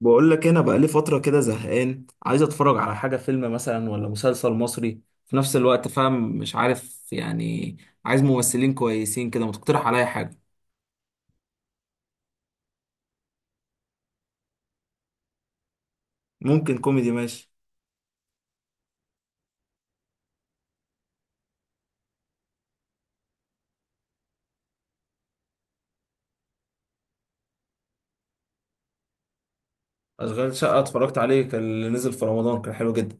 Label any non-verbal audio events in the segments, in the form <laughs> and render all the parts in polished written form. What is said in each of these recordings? بقول لك إيه، انا بقى لي فتره كده زهقان، عايز اتفرج على حاجه فيلم مثلا ولا مسلسل مصري في نفس الوقت. فاهم مش عارف يعني. عايز ممثلين كويسين كده، ما تقترح عليا حاجه. ممكن كوميدي، ماشي. اشغال شقه اتفرجت عليه، كان اللي نزل في رمضان كان حلو جدا.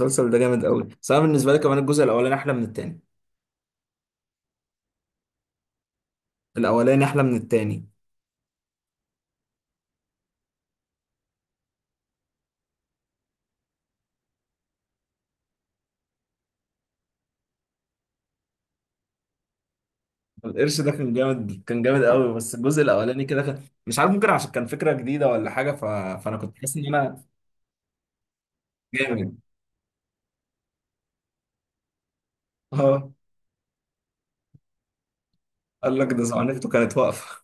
المسلسل ده جامد قوي، بس انا بالنسبه لي كمان الجزء الاولاني احلى من التاني. الاولاني احلى من التاني. القرش ده كان جامد قوي، بس الجزء الاولاني كده كان مش عارف، ممكن عشان كان فكره جديده ولا حاجه. فانا كنت حاسس ان انا جامد. اه. قال لك ده زعنفته كانت واقفة.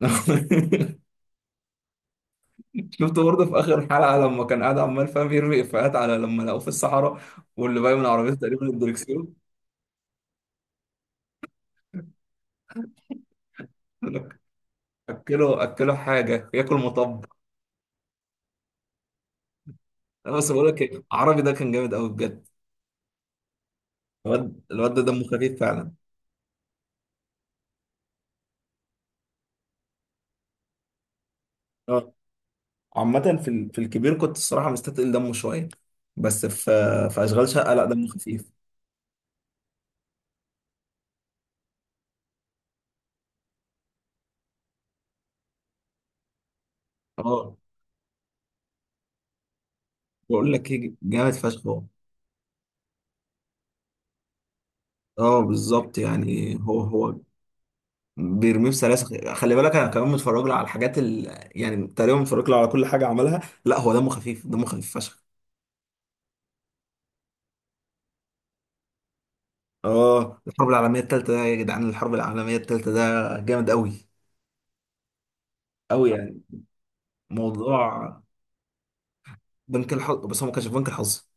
<laughs> شفته برضه في آخر حلقة لما كان قاعد عمال فاهم يرمي إفيهات، على لما لقوه في الصحراء واللي باين من عربيته تقريبا الدركسيون. يقول لك أكله أكله حاجة ياكل مطب. أنا بس بقول لك إيه، العربي ده كان جامد قوي بجد. الواد ده دمه خفيف فعلا. اه. عامة في الكبير كنت الصراحة مستثقل دمه شوية، بس في أشغال شقة لا دمه خفيف. اه. بقول لك ايه، جامد فشخ هو. اه بالظبط. يعني هو بيرميه في سلاسل. خلي بالك انا كمان متفرج له على الحاجات. يعني تقريبا متفرج له على كل حاجه عملها. لا هو دمه خفيف، دمه خفيف فشخ. اه الحرب العالميه الثالثه ده يا جدعان، الحرب العالميه الثالثه ده جامد قوي قوي يعني. موضوع بنك الحظ، بس هو ما كانش في بنك الحظ.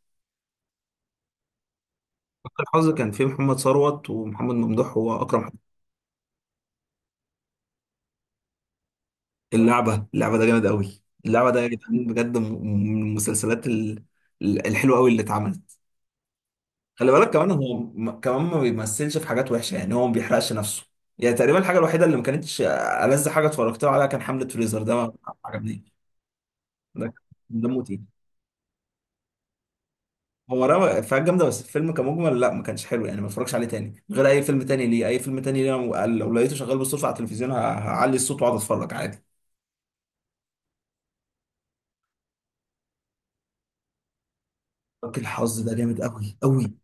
بنك الحظ كان فيه محمد ثروت ومحمد ممدوح واكرم حسني. اللعبه ده جامد قوي. اللعبه ده يا جدعان بجد، من المسلسلات الحلوه قوي اللي اتعملت. خلي بالك كمان هو، كمان ما بيمثلش في حاجات وحشه، يعني هو ما بيحرقش نفسه. يعني تقريبا الحاجه الوحيده اللي ما كانتش ألذ حاجه اتفرجت له عليها كان حمله فريزر، ده ما عجبنيش. ده كان دمه تقيل. هو رمى افيهات جامده بس الفيلم كمجمل لا، ما كانش حلو يعني، ما اتفرجش عليه تاني. غير اي فيلم تاني ليه، اي فيلم تاني ليه. أنا لو لقيته شغال بالصدفه على التلفزيون، هعلي الصوت واقعد اتفرج عادي. راجل الحظ ده جامد قوي قوي.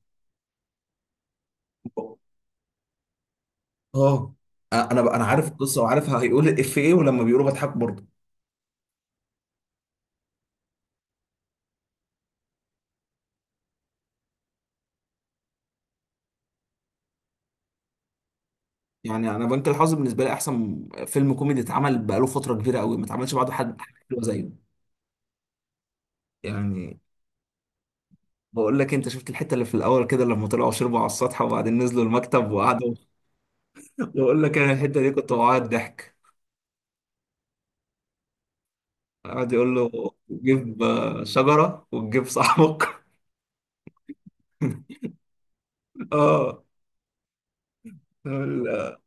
اه انا عارف القصه وعارف هيقول الإف ايه، ولما بيقولوا بضحك برضه. يعني انا بنك الحظ بالنسبه لي احسن فيلم كوميدي اتعمل بقاله فتره كبيره قوي، ما اتعملش بعده حد حلو زيه يعني. بقول لك، انت شفت الحته اللي في الاول كده لما طلعوا شربوا على السطح وبعدين نزلوا المكتب وقعدوا. بقول لك انا، الحته دي كنت بعيط ضحك. قعد يقول له جيب شجره وتجيب صاحبك. <laughs> اه. ال-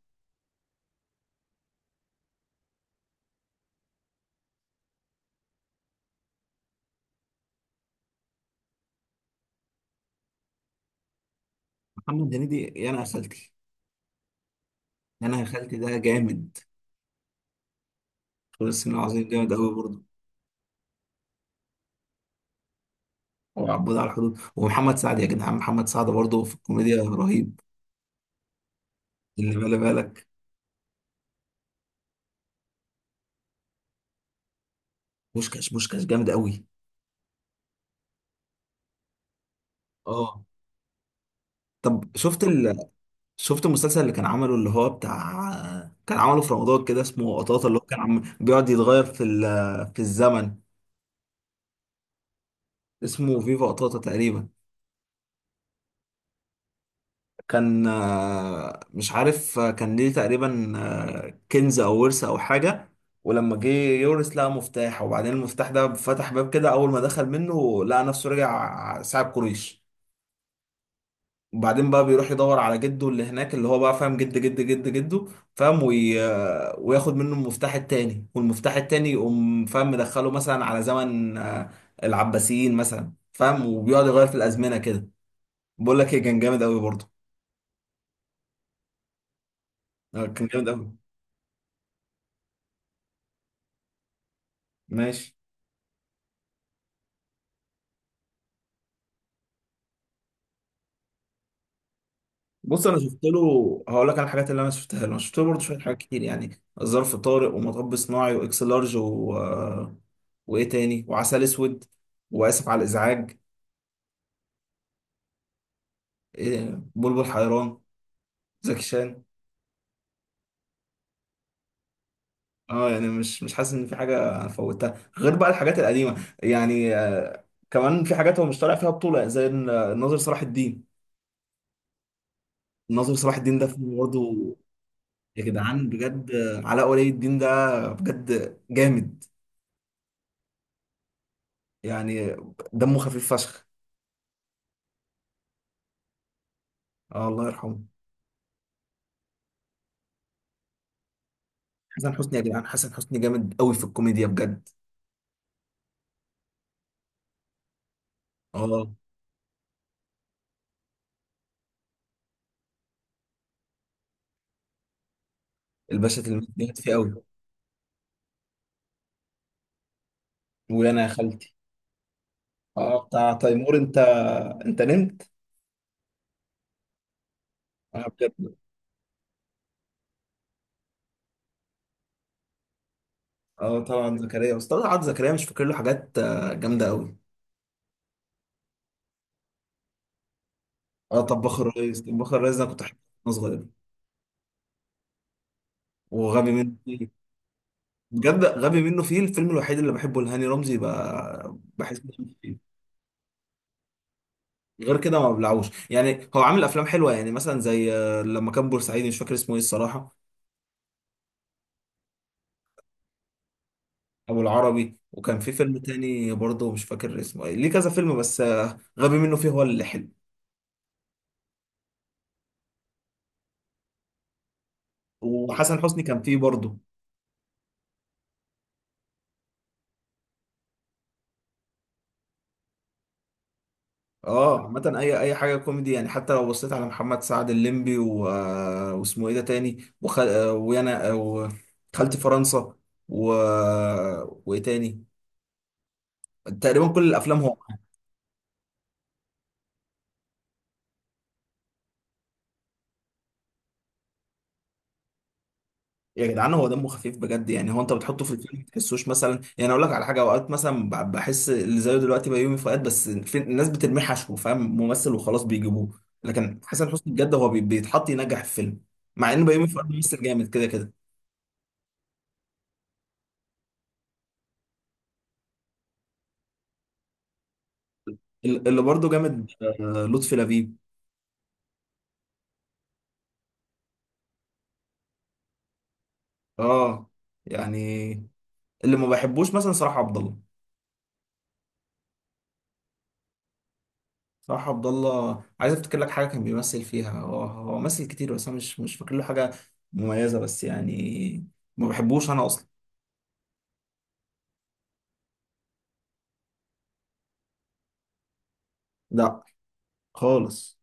محمد هنيدي، يا انا يا خالتي. يا انا يا خالتي ده جامد، بس العظيم جامد قوي برضه. وعبود على الحدود ومحمد سعد، يا جدعان محمد سعد برضه في الكوميديا رهيب. اللي بالي بالك. بوشكاش جامد قوي. اه، طب شفت المسلسل اللي كان عمله اللي هو بتاع، كان عمله في رمضان كده، اسمه قطاطا اللي هو كان بيقعد يتغير في الزمن. اسمه فيفا قطاطا تقريبا. كان مش عارف كان ليه تقريبا كنز او ورث او حاجة. ولما جه يورث لقى مفتاح، وبعدين المفتاح ده فتح باب كده. اول ما دخل منه لقى نفسه رجع ساعة قريش، وبعدين بقى بيروح يدور على جده اللي هناك، اللي هو بقى فاهم جد جد جد جده، فاهم. وياخد منه المفتاح التاني، والمفتاح التاني يقوم فاهم مدخله مثلا على زمن العباسيين مثلا، فاهم، وبيقعد يغير في الازمنه كده. بقول لك ايه، كان جامد قوي برضه. كان جامد قوي. ماشي. بص انا شفت له. هقول لك على الحاجات اللي انا شفتها له. انا شفت له برضه شويه حاجات كتير، يعني ظرف طارق، ومطب صناعي، واكس لارج، و... آه، وايه تاني، وعسل اسود، واسف على الازعاج، إيه، بلبل حيران، زكي شان. اه يعني مش حاسس ان في حاجه فوتها غير بقى الحاجات القديمه. يعني كمان في حاجات هو مش طالع فيها بطوله، زي الناظر صلاح الدين. الناظر صلاح الدين ده فيلم برضه، يا جدعان بجد، علاء ولي الدين ده بجد جامد يعني، دمه خفيف فشخ. اه الله يرحمه. حسن حسني، يا جدعان حسن حسني جامد قوي في الكوميديا بجد. اه الباشا تلميذ جامد فيه قوي. ويانا يا خالتي. اه بتاع تيمور انت، انت نمت. اه بجد. اه طبعا زكريا، بس طبعا زكريا مش فاكر له حاجات جامده قوي. اه طباخ الريس. طباخ الريس ده كنت بحبه وانا صغير. وغبي منه فيه. بجد غبي منه فيه الفيلم الوحيد اللي بحبه لهاني رمزي، بحس إنه فيه. غير كده ما ببلعوش يعني، هو عامل افلام حلوه، يعني مثلا زي لما كان بورسعيدي مش فاكر اسمه ايه الصراحه، ابو العربي. وكان في فيلم تاني برضه مش فاكر اسمه ايه ليه، كذا فيلم، بس غبي منه فيه هو اللي حلو. وحسن حسني كان فيه برضه. اه عامة اي حاجة كوميدي يعني، حتى لو بصيت على محمد سعد الليمبي، و... آه، واسمه ايه ده تاني، وخ... آه، ويانا، وخالتي فرنسا، و... وايه تاني، تقريبا كل الافلام هو. يا جدعان هو دمه خفيف بجد، يعني هو انت بتحطه في الفيلم ما تحسوش مثلا. يعني اقول لك على حاجة، اوقات مثلا بحس اللي زيه دلوقتي بيومي فؤاد، بس الناس بترميه حشو فاهم، ممثل وخلاص بيجيبوه. لكن حسن حسني بجد هو بيتحط ينجح الفيلم، مع ان بيومي فؤاد ممثل جامد كده كده. اللي برضه جامد لطفي لبيب. اه يعني اللي ما بحبوش مثلا صلاح عبد الله. صلاح عبد الله عايز افتكر لك حاجه كان بيمثل فيها، هو مثل كتير بس انا مش فاكر له حاجه مميزه، بس يعني ما بحبوش انا اصلا. لا خالص.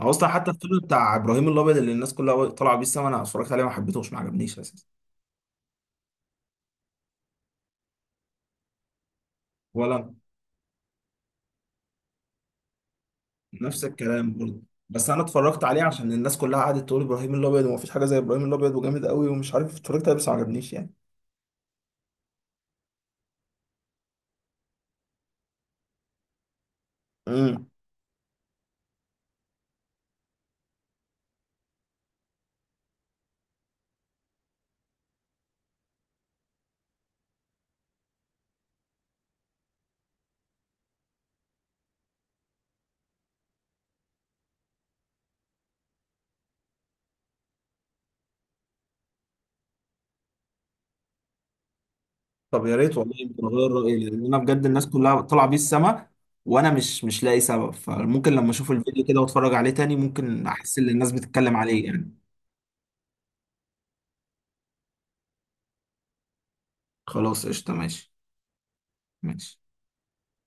هو اصلا حتى الفيلم بتاع ابراهيم الابيض، اللي الناس كلها طالعه بيه السما، انا اتفرجت عليه ما حبيتهوش ما عجبنيش اساسا. ولا أنا. نفس الكلام برضه. بس انا اتفرجت عليه عشان الناس كلها قعدت تقول ابراهيم الابيض ومفيش حاجه زي ابراهيم الابيض وجامد قوي ومش عارف، اتفرجت عليه بس ما عجبنيش يعني. امم. طب يا ريت والله، يمكن اغير رايي، لان انا بجد الناس كلها طالعه بيه السما وانا مش لاقي سبب، فممكن لما اشوف الفيديو كده واتفرج عليه تاني، ممكن احس ان الناس بتتكلم عليه يعني. خلاص قشطه ماشي. ماشي.